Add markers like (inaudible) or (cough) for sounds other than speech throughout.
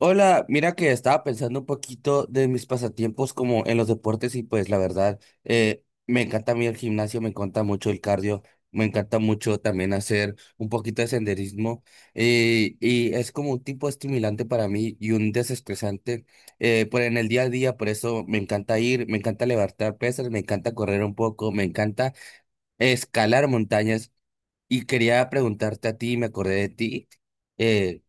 Hola, mira que estaba pensando un poquito de mis pasatiempos como en los deportes y pues la verdad, me encanta a mí el gimnasio, me encanta mucho el cardio, me encanta mucho también hacer un poquito de senderismo y es como un tipo estimulante para mí y un desestresante por en el día a día, por eso me encanta ir, me encanta levantar pesas, me encanta correr un poco, me encanta escalar montañas y quería preguntarte a ti, me acordé de ti. eh,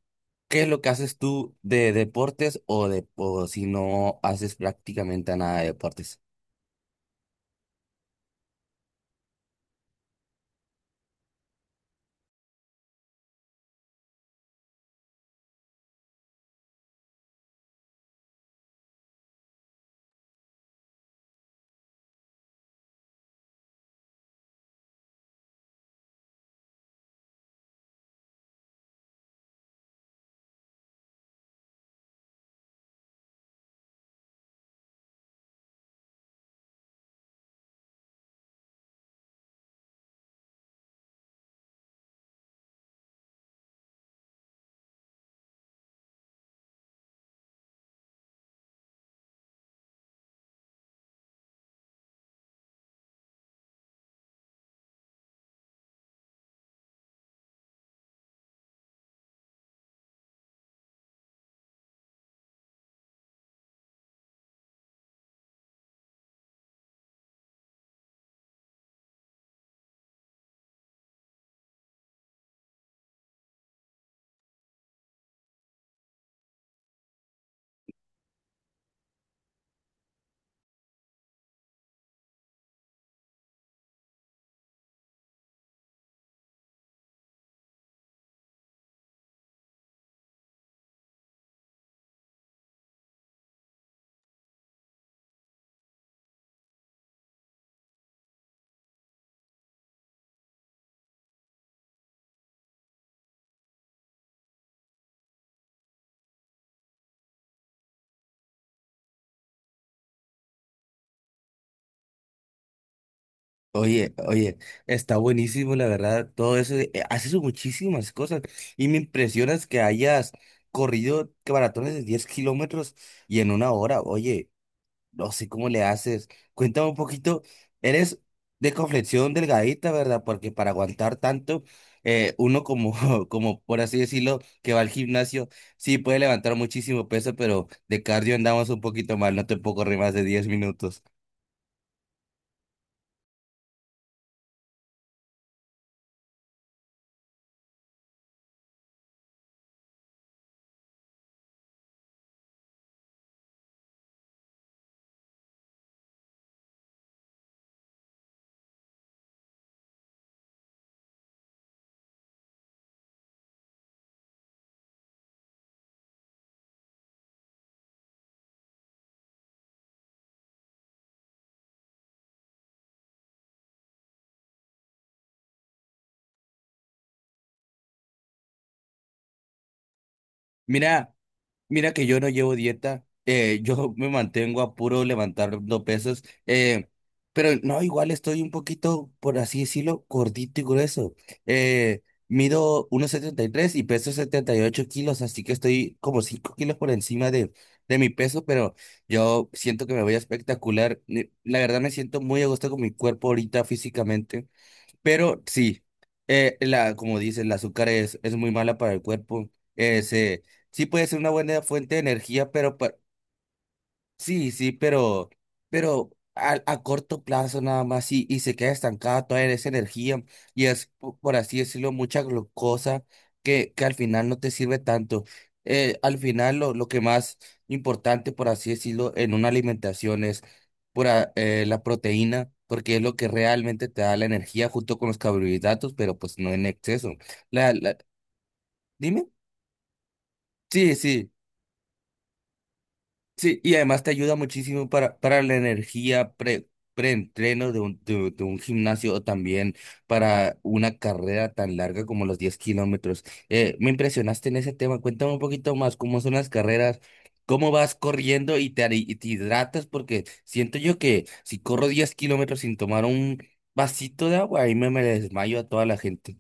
¿Qué es lo que haces tú de deportes o si no haces prácticamente nada de deportes? Oye, oye, está buenísimo, la verdad, todo eso. Haces muchísimas cosas y me impresionas que hayas corrido que maratones de 10 kilómetros y en 1 hora. Oye, no sé cómo le haces. Cuéntame un poquito. Eres de complexión delgadita, ¿verdad? Porque para aguantar tanto, uno como, (laughs) como por así decirlo, que va al gimnasio, sí puede levantar muchísimo peso, pero de cardio andamos un poquito mal. No te puedo correr más de 10 minutos. Mira. Mira que yo no llevo dieta, (laughs) yo me mantengo a puro levantando pesas, pero no, igual estoy un poquito, por así decirlo, gordito y grueso. Eh, Mido 1,73 y peso 78 kilos, así que estoy como 5 kilos por encima de, mi peso, pero yo siento que me voy a espectacular. La verdad me siento muy a gusto con mi cuerpo ahorita físicamente. Pero sí, la, como dices, el azúcar es muy mala para el cuerpo. Es, eh, se- sí puede ser una buena fuente de energía, pero. Sí, sí, pero a corto plazo nada más y se queda estancada toda esa energía y es, por así decirlo, mucha glucosa que al final no te sirve tanto. Al final lo, que más importante, por así decirlo, en una alimentación es pura, la proteína, porque es lo que realmente te da la energía junto con los carbohidratos, pero pues no en exceso. La, la, Dime. Sí, sí. Sí, y además te ayuda muchísimo para, la energía preentreno de un gimnasio o también para una carrera tan larga como los 10 kilómetros. Me impresionaste en ese tema. Cuéntame un poquito más cómo son las carreras, cómo vas corriendo y y te hidratas, porque siento yo que si corro 10 kilómetros sin tomar un vasito de agua, ahí me desmayo a toda la gente.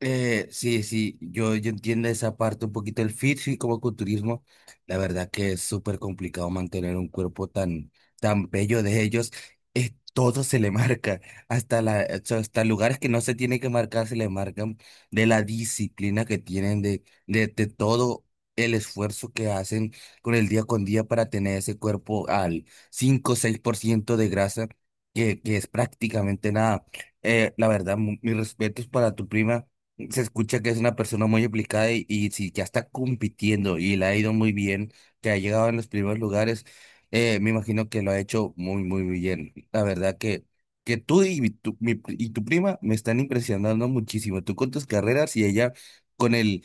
Sí, sí, yo entiendo esa parte un poquito el fitness y como culturismo, la verdad que es súper complicado mantener un cuerpo tan, tan bello de ellos, es, todo se le (laughs) marca, hasta la, o sea, hasta lugares que no se tiene que marcar se le marcan de la disciplina que tienen, de todo el esfuerzo que hacen con el día con día para tener ese cuerpo al 5 o seis por ciento de grasa, que es prácticamente nada. La verdad, mis respetos para tu prima. Se escucha que es una persona muy aplicada y sí, ya está compitiendo y le ha ido muy bien, que ha llegado en los primeros lugares. Me imagino que lo ha hecho muy, muy, muy bien. La verdad que, que tú y tu prima me están impresionando muchísimo. Tú con tus carreras y ella con el,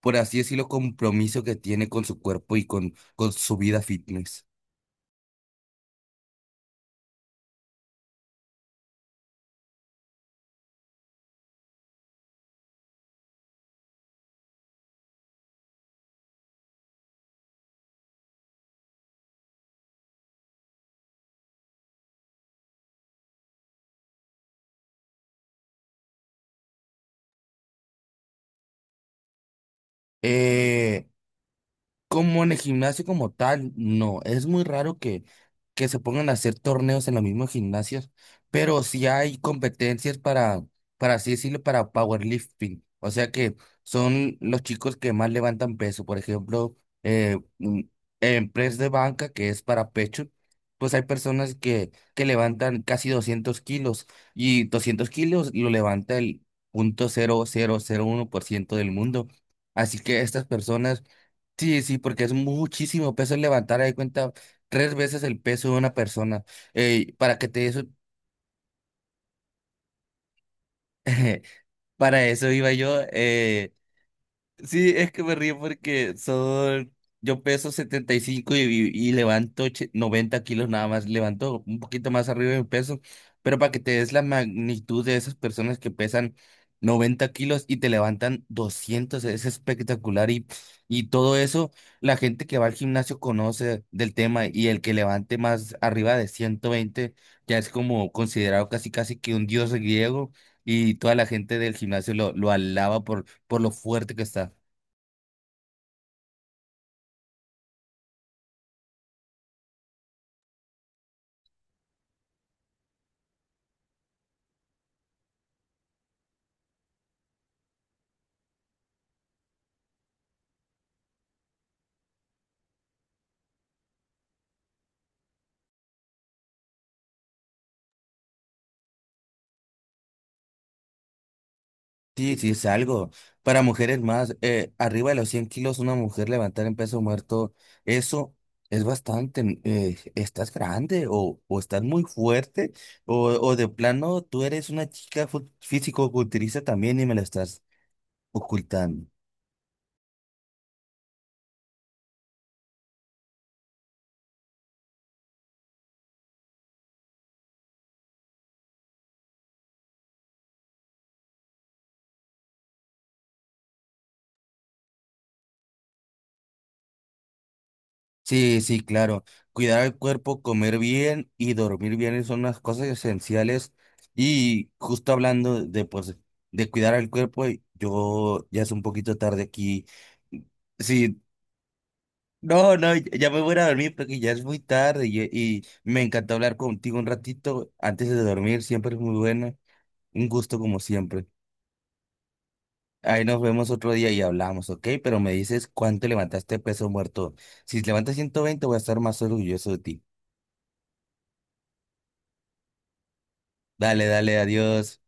por así decirlo, compromiso que tiene con su cuerpo y con su vida fitness. Eh, Como en el gimnasio como tal, no, es muy raro que se pongan a hacer torneos en los mismos gimnasios, pero sí hay competencias para así decirlo, para powerlifting, o sea que son los chicos que más levantan peso, por ejemplo, eh, mm, en press de banca, que es para pecho, pues hay personas que levantan casi 200 kilos y 200 kilos lo levanta el 0,0001% del mundo, así que estas personas. Sí, sí, porque es muchísimo peso levantar, ahí cuenta, 3 veces el peso de una persona. Ey, para que te eso, (laughs) para eso iba yo. Sí, es que me río porque son, yo peso 75 y levanto 90 kilos nada más, levanto un poquito más arriba de mi peso, pero para que te des la magnitud de esas personas que pesan 90 kilos y te levantan 200 es espectacular y todo eso, la gente que va al gimnasio conoce del tema y el que levante más arriba de 120 ya es como considerado casi casi que un dios griego y toda la gente del gimnasio lo, alaba por lo fuerte que está. Sí, sí, es algo. Para mujeres más, arriba de los 100 kilos, una mujer levantar en peso muerto, eso es bastante. Estás grande o estás muy fuerte o de plano tú eres una chica físico-culturista también y me lo estás ocultando. Sí, sí, claro. Cuidar el cuerpo, comer bien y dormir bien son unas cosas esenciales. Y justo hablando de, pues, de cuidar al cuerpo, yo ya es un poquito tarde aquí. Sí, no, no, ya me voy a ir a dormir porque ya es muy tarde y me encantó hablar contigo un ratito antes de dormir, siempre es muy buena, un gusto como siempre. Ahí nos vemos otro día y hablamos, ¿ok? Pero me dices cuánto levantaste peso muerto. Si levantas 120, voy a estar más orgulloso de ti. Dale, dale, adiós.